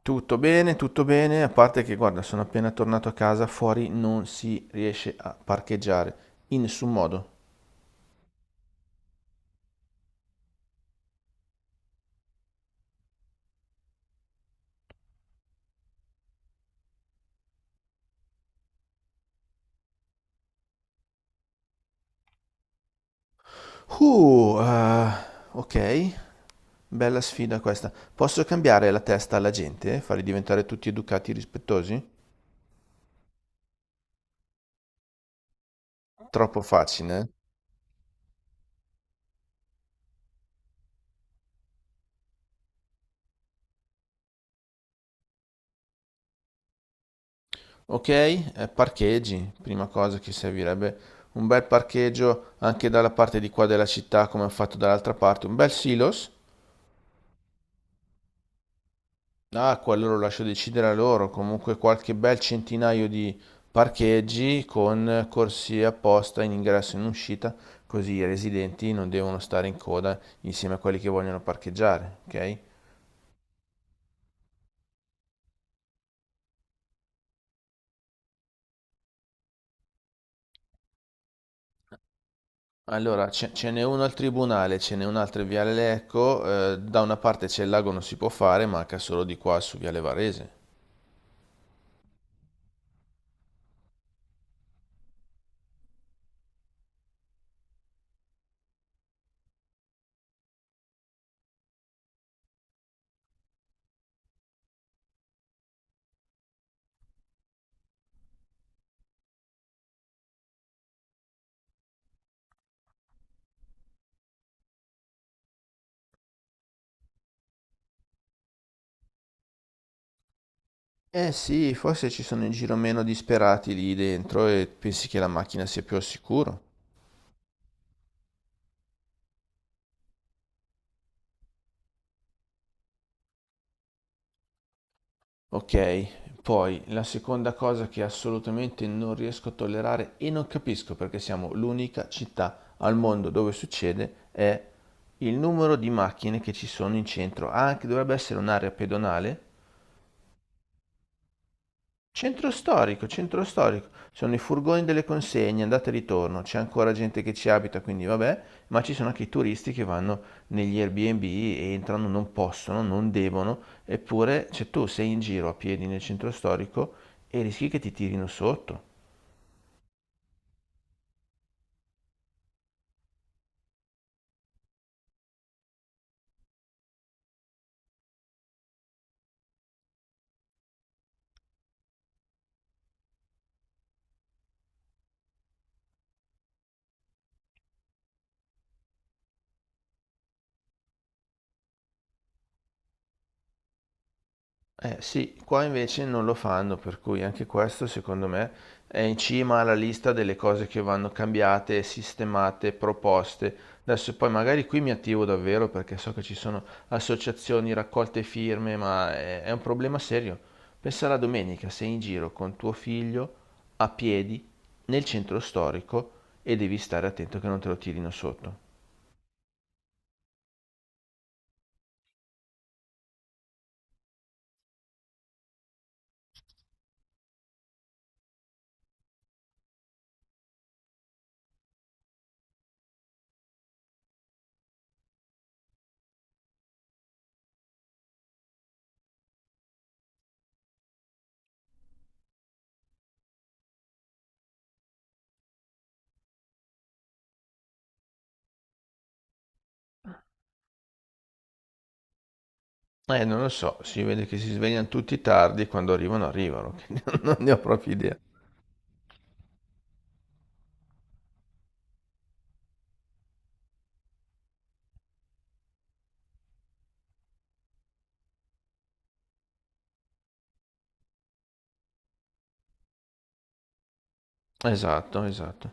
Tutto bene, a parte che guarda, sono appena tornato a casa, fuori non si riesce a parcheggiare, in nessun modo. Uh, eh, ok, bella sfida questa. Posso cambiare la testa alla gente, farli diventare tutti educati e rispettosi? Troppo facile. Eh? Ok, parcheggi, prima cosa che servirebbe un bel parcheggio anche dalla parte di qua della città come ho fatto dall'altra parte, un bel silos. Ah, quello lo lascio decidere a loro. Comunque qualche bel centinaio di parcheggi con corsie apposta in ingresso e in uscita, così i residenti non devono stare in coda insieme a quelli che vogliono parcheggiare, ok? Allora, ce n'è uno al tribunale, ce n'è un altro in Viale Lecco. Eh, da una parte c'è il lago, non si può fare, manca solo di qua su Viale Varese. Eh sì, forse ci sono in giro meno disperati lì dentro e pensi che la macchina sia più al sicuro. Ok, poi la seconda cosa che assolutamente non riesco a tollerare e non capisco perché siamo l'unica città al mondo dove succede è il numero di macchine che ci sono in centro. Anche dovrebbe essere un'area pedonale. Centro storico, centro storico. Sono i furgoni delle consegne, andata e ritorno. C'è ancora gente che ci abita, quindi vabbè, ma ci sono anche i turisti che vanno negli Airbnb, e entrano, non possono, non devono, eppure, cioè tu sei in giro a piedi nel centro storico e rischi che ti tirino sotto. Eh sì, qua invece non lo fanno, per cui anche questo secondo me è in cima alla lista delle cose che vanno cambiate, sistemate, proposte. Adesso poi magari qui mi attivo davvero perché so che ci sono associazioni, raccolte firme, ma è un problema serio. Pensa alla domenica, sei in giro con tuo figlio a piedi nel centro storico e devi stare attento che non te lo tirino sotto. Non lo so, si vede che si svegliano tutti tardi, e quando arrivano arrivano, che non ne ho proprio idea. Esatto, esatto.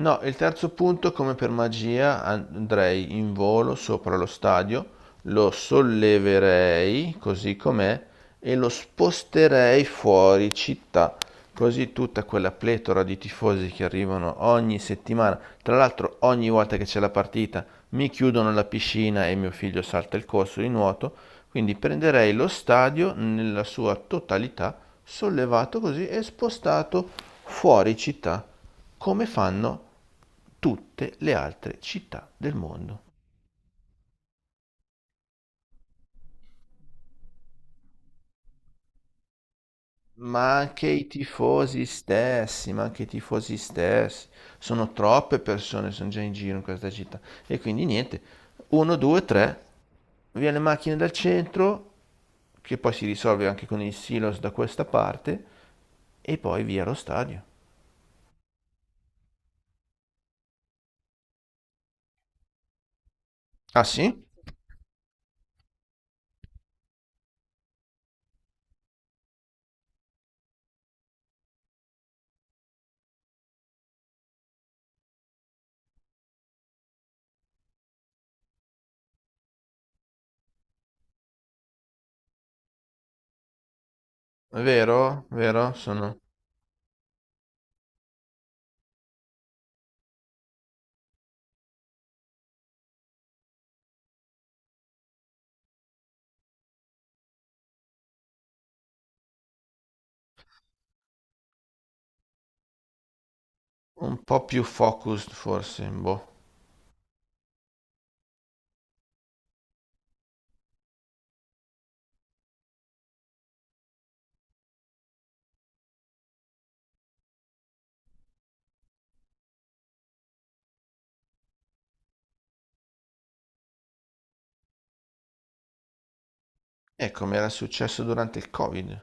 No, il terzo punto, come per magia, andrei in volo sopra lo stadio, lo solleverei così com'è e lo sposterei fuori città. Così tutta quella pletora di tifosi che arrivano ogni settimana, tra l'altro ogni volta che c'è la partita, mi chiudono la piscina e mio figlio salta il corso di nuoto, quindi prenderei lo stadio nella sua totalità sollevato così e spostato fuori città, come fanno tutte le altre città del mondo. Ma anche i tifosi stessi, ma anche i tifosi stessi, sono troppe persone, sono già in giro in questa città. E quindi niente, uno, due, tre, via le macchine dal centro, che poi si risolve anche con il silos da questa parte, e poi via lo stadio. Ah sì? Vero? Vero? Sono... Un po' più focused forse, boh. E come era successo durante il Covid.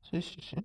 Sì, sì, sì.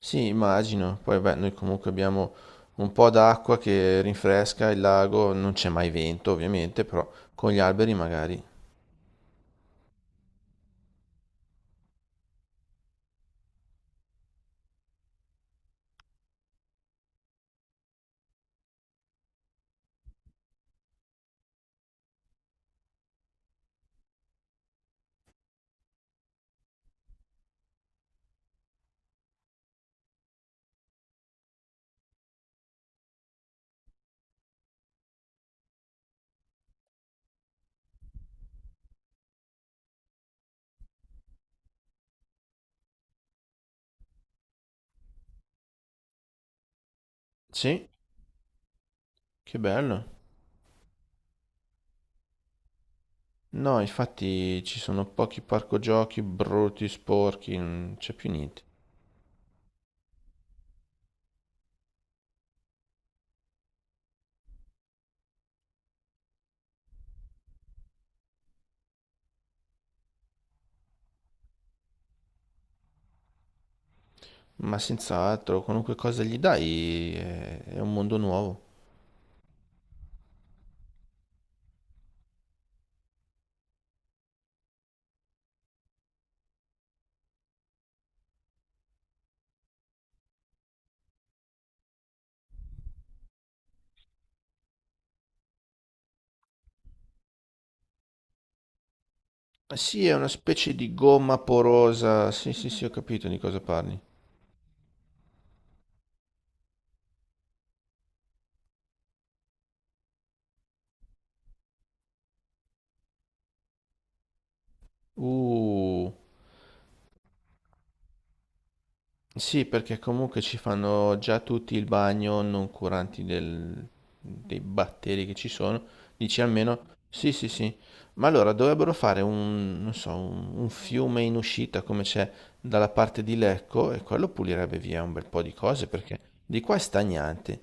Sì, immagino. Poi beh, noi comunque abbiamo un po' d'acqua che rinfresca il lago, non c'è mai vento ovviamente, però con gli alberi magari. Sì, che bello. No, infatti ci sono pochi parco giochi brutti, sporchi, non c'è più niente. Ma senz'altro, qualunque cosa gli dai è un mondo nuovo. Ah, sì, è una specie di gomma porosa. Sì, sì, sì, ho capito di cosa parli. Uh, sì, perché comunque ci fanno già tutti il bagno, non curanti dei batteri che ci sono. Dici almeno, sì, sì, sì. Ma allora dovrebbero fare un, non so, un fiume in uscita come c'è dalla parte di Lecco e quello pulirebbe via un bel po' di cose perché di qua è stagnante.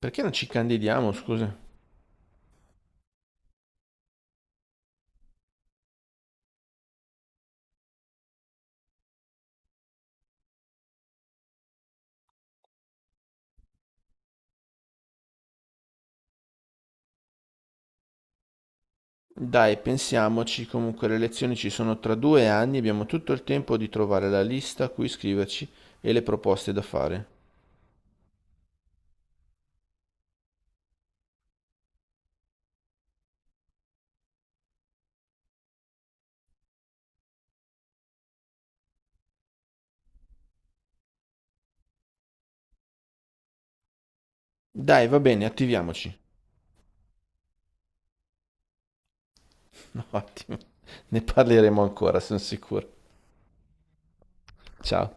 Perché non ci candidiamo, scusa? Dai, pensiamoci, comunque le elezioni ci sono tra 2 anni e abbiamo tutto il tempo di trovare la lista a cui iscriverci e le proposte da fare. Dai, va bene, attiviamoci. No, ottimo, ne parleremo ancora, sono sicuro. Ciao.